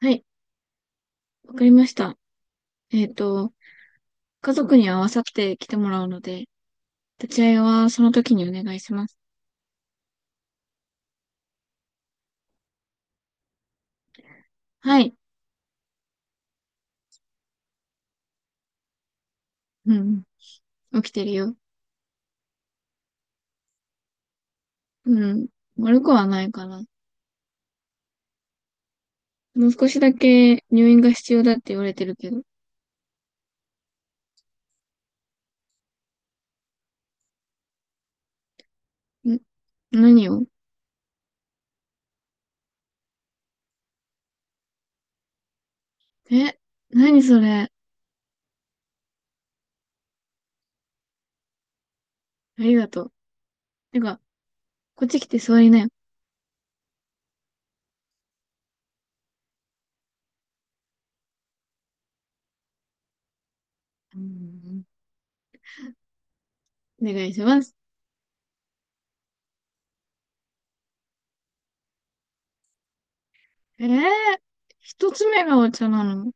はい、わかりました。えっと、家族に合わさって来てもらうので、立ち会いはその時にお願いします。はい。うん、うん起きてるよ。うん、悪くはないかな。もう少しだけ入院が必要だって言われてるけど。何を？え、何それ。ありがとう。てか、こっち来て座りなよ。うん、お願いします。えー、一つ目がお茶なの。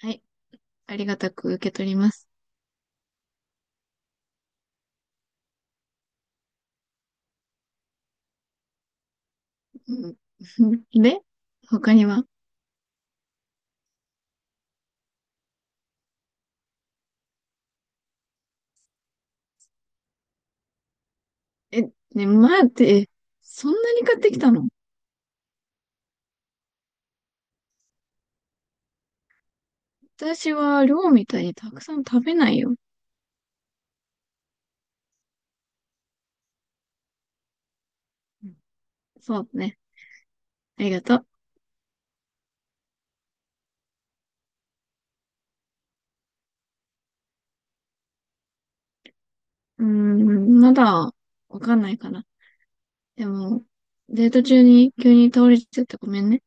はい、ありがたく受け取ります。うん、で、他には？え、ね、待って、え、そんなに買ってきたの？私は量みたいにたくさん食べないよ。うん、そうね。ありがとう。うーん、まだわかんないかな。でも、デート中に急に倒れちゃってごめんね。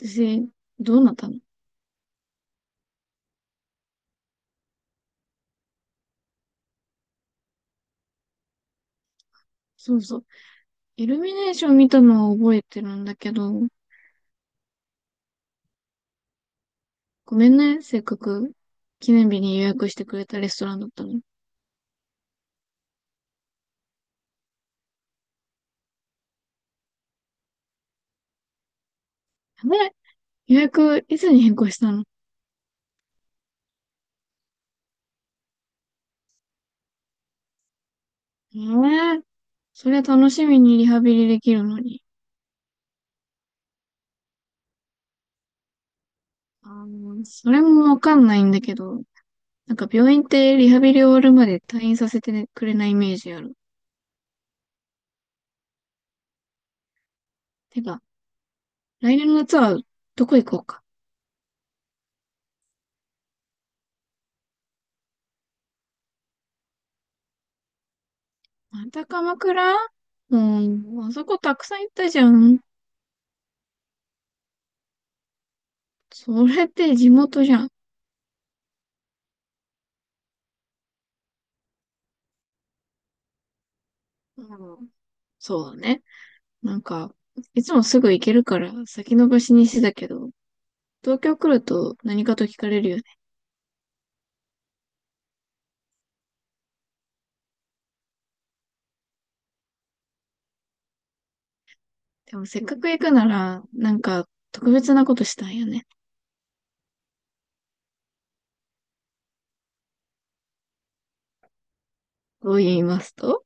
私、どうなったの？そうそう。イルミネーション見たのは覚えてるんだけど、ごめんね。せっかく記念日に予約してくれたレストランだったのに。あれ、予約いつに変更したの？ええ、そりゃ楽しみにリハビリできるのに。あー、それもわかんないんだけど、なんか病院ってリハビリ終わるまで退院させてねくれないイメージある。てか、来年の夏はどこ行こうか。また鎌倉？もう、あそこたくさん行ったじゃん。それって地元じゃん。うん、そうだね。なんか、いつもすぐ行けるから先延ばしにしてたけど、東京来ると何かと聞かれるよね。でもせっかく行くなら、なんか特別なことしたいよね。と言いますと？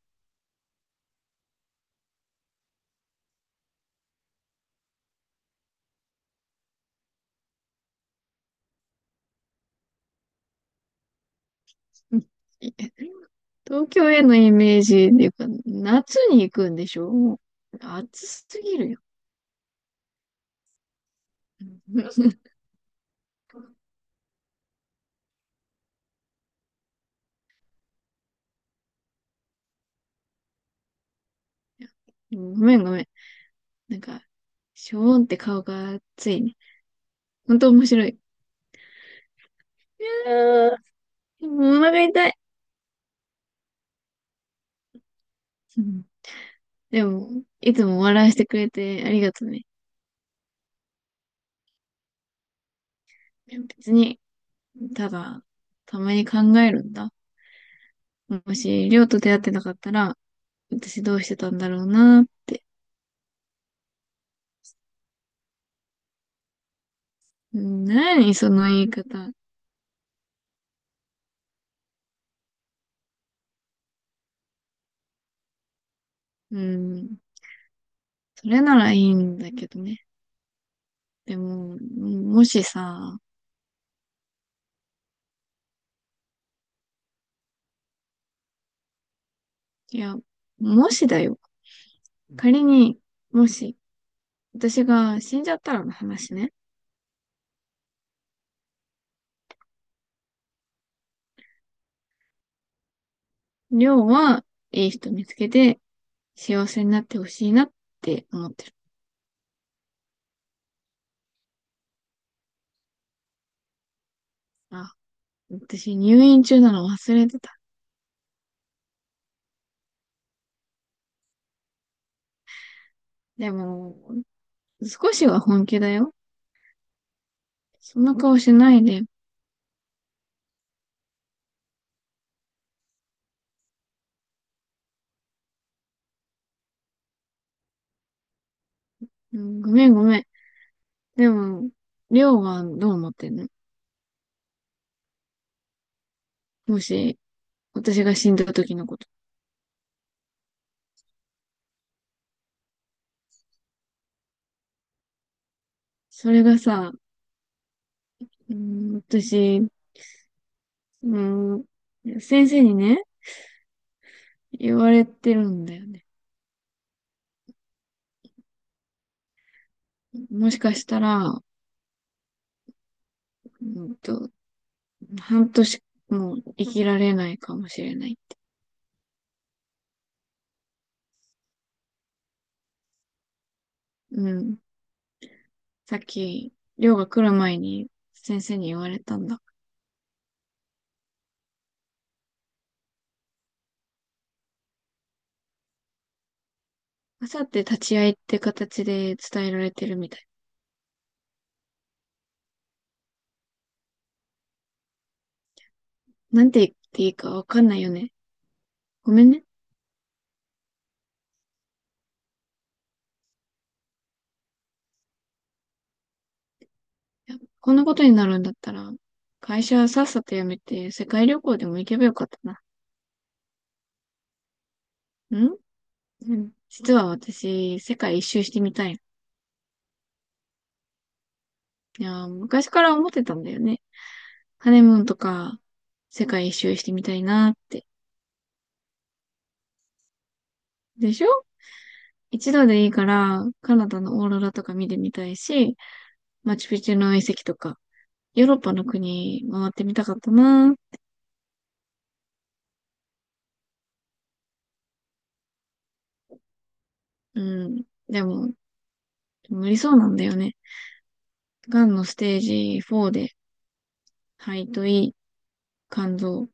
うん、東京へのイメージっていうか、夏に行くんでしょ？もう暑すぎるよ。うん ごめんごめん。なんか、ショーンって顔が熱いね。ほんと面白い。いやー、もうお腹痛い。うん、でも、いつも笑わせてくれてありがとうね。別に、ただ、たまに考えるんだ。もし、りょうと出会ってなかったら、私どうしてたんだろうなーって。うん、何その言い方。うん。それならいいんだけどね。でも、もしさ、いや、もしだよ。仮に、もし、私が死んじゃったらの話ね。りょうは、いい人見つけて、幸せになってほしいなって思ってる。あ、私入院中なの忘れてた。でも、少しは本気だよ。そんな顔しないで。うん、ごめんごめん。でも、りょうはどう思ってんの？もし、私が死んだ時のこと。それがさ、うん、私、その、先生にね、言われてるんだよね。もしかしたら、うんと、半年も生きられないかもしれない。うん。さっき、寮が来る前に先生に言われたんだ。あさって立ち会いって形で伝えられてるみたい。なんて言っていいかわかんないよね。ごめんね。いや、こんなことになるんだったら、会社さっさと辞めて世界旅行でも行けばよかったな。んうん。実は私、世界一周してみたい。いやー、昔から思ってたんだよね。ハネムーンとか、世界一周してみたいなって。でしょ？一度でいいから、カナダのオーロラとか見てみたいし、マチュピチュの遺跡とか、ヨーロッパの国回ってみたかったな。うん。でも、無理そうなんだよね。がんのステージ4で、肺と胃、肝臓、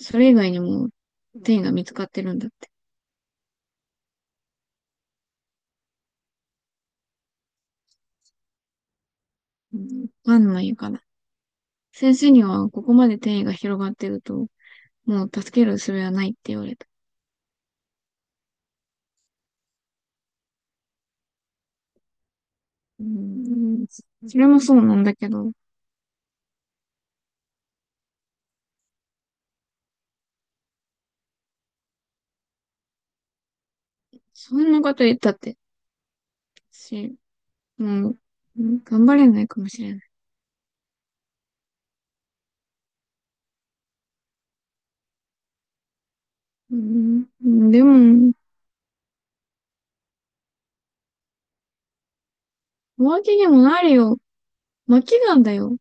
それ以外にも転移が見つかってるんだって。うん、わかんないかな。先生にはここまで転移が広がってると、もう助ける術はないって言われた。うん、それもそうなんだけど、そんなこと言ったって、私、もう、うん頑張れないかもしれない。うん、うん、でも、浮気にもなるよ。末期がんだよ。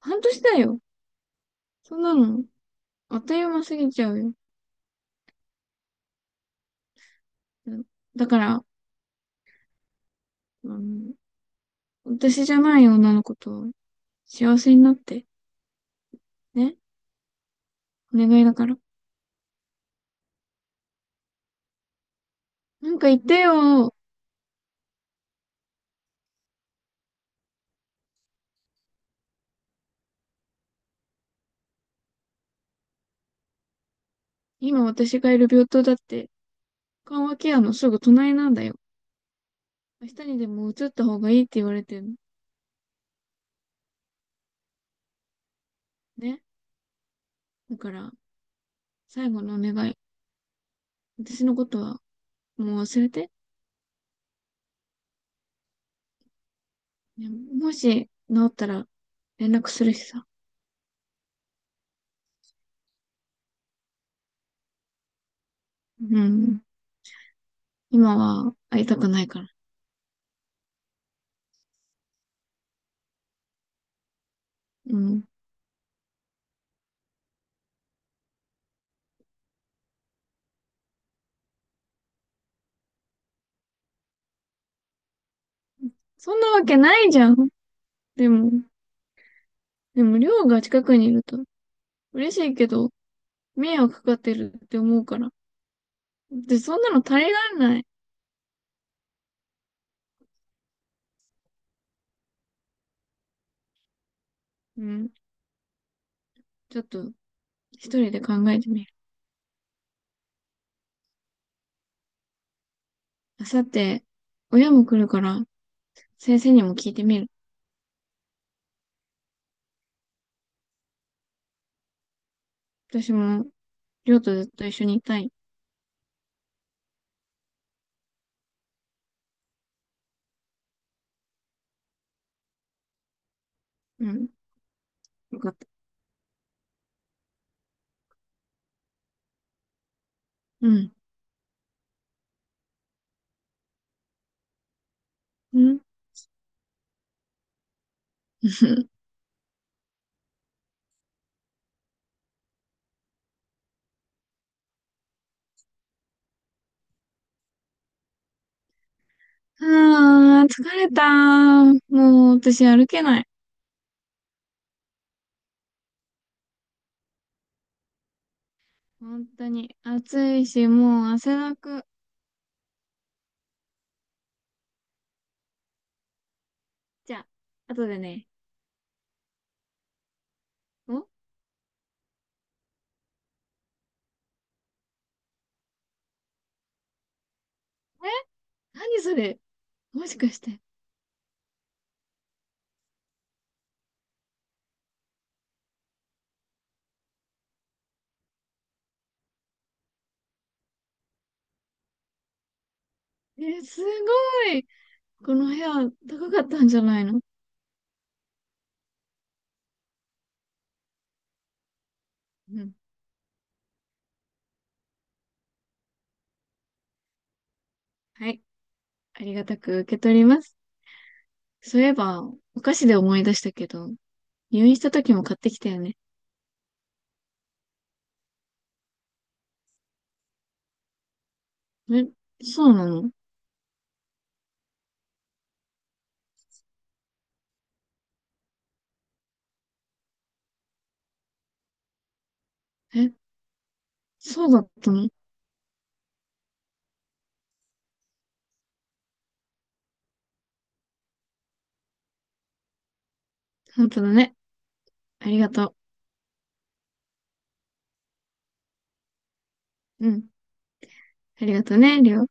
半年だよ。そんなの、あっという間過ぎちゃうよ。うん、だから、うん、私じゃない女の子と幸せになって、ね。お願いだから。なんか言ってよ。今私がいる病棟だって、緩和ケアのすぐ隣なんだよ。明日にでも移った方がいいって言われてるの。ね。だから、最後のお願い。私のことはもう忘れて。ね、もし治ったら連絡するしさ。うん。今は会いたくないから。うん。そんなわけないじゃん。でも、りょうが近くにいると嬉しいけど、迷惑かかってるって思うから。で、そんなの足りられない。うん。ちょっと、一人で考えてみる。あさって、親も来るから、先生にも聞いてみる。私も、りょうとずっと一緒にいたい。うん。よかった。うん。うん。ああー、疲れた。もう私歩けない。本当に。暑いし、もう汗だく。じゃあ、後でね。お、え、何それ？もしかして。え、すごい。この部屋、高かったんじゃないの？うん。はい。ありがたく受け取ります。そういえば、お菓子で思い出したけど、入院した時も買ってきたよね。え、そうなの？え、そうだったの？本当だね。ありがとう。うん。ありがとね、りょう。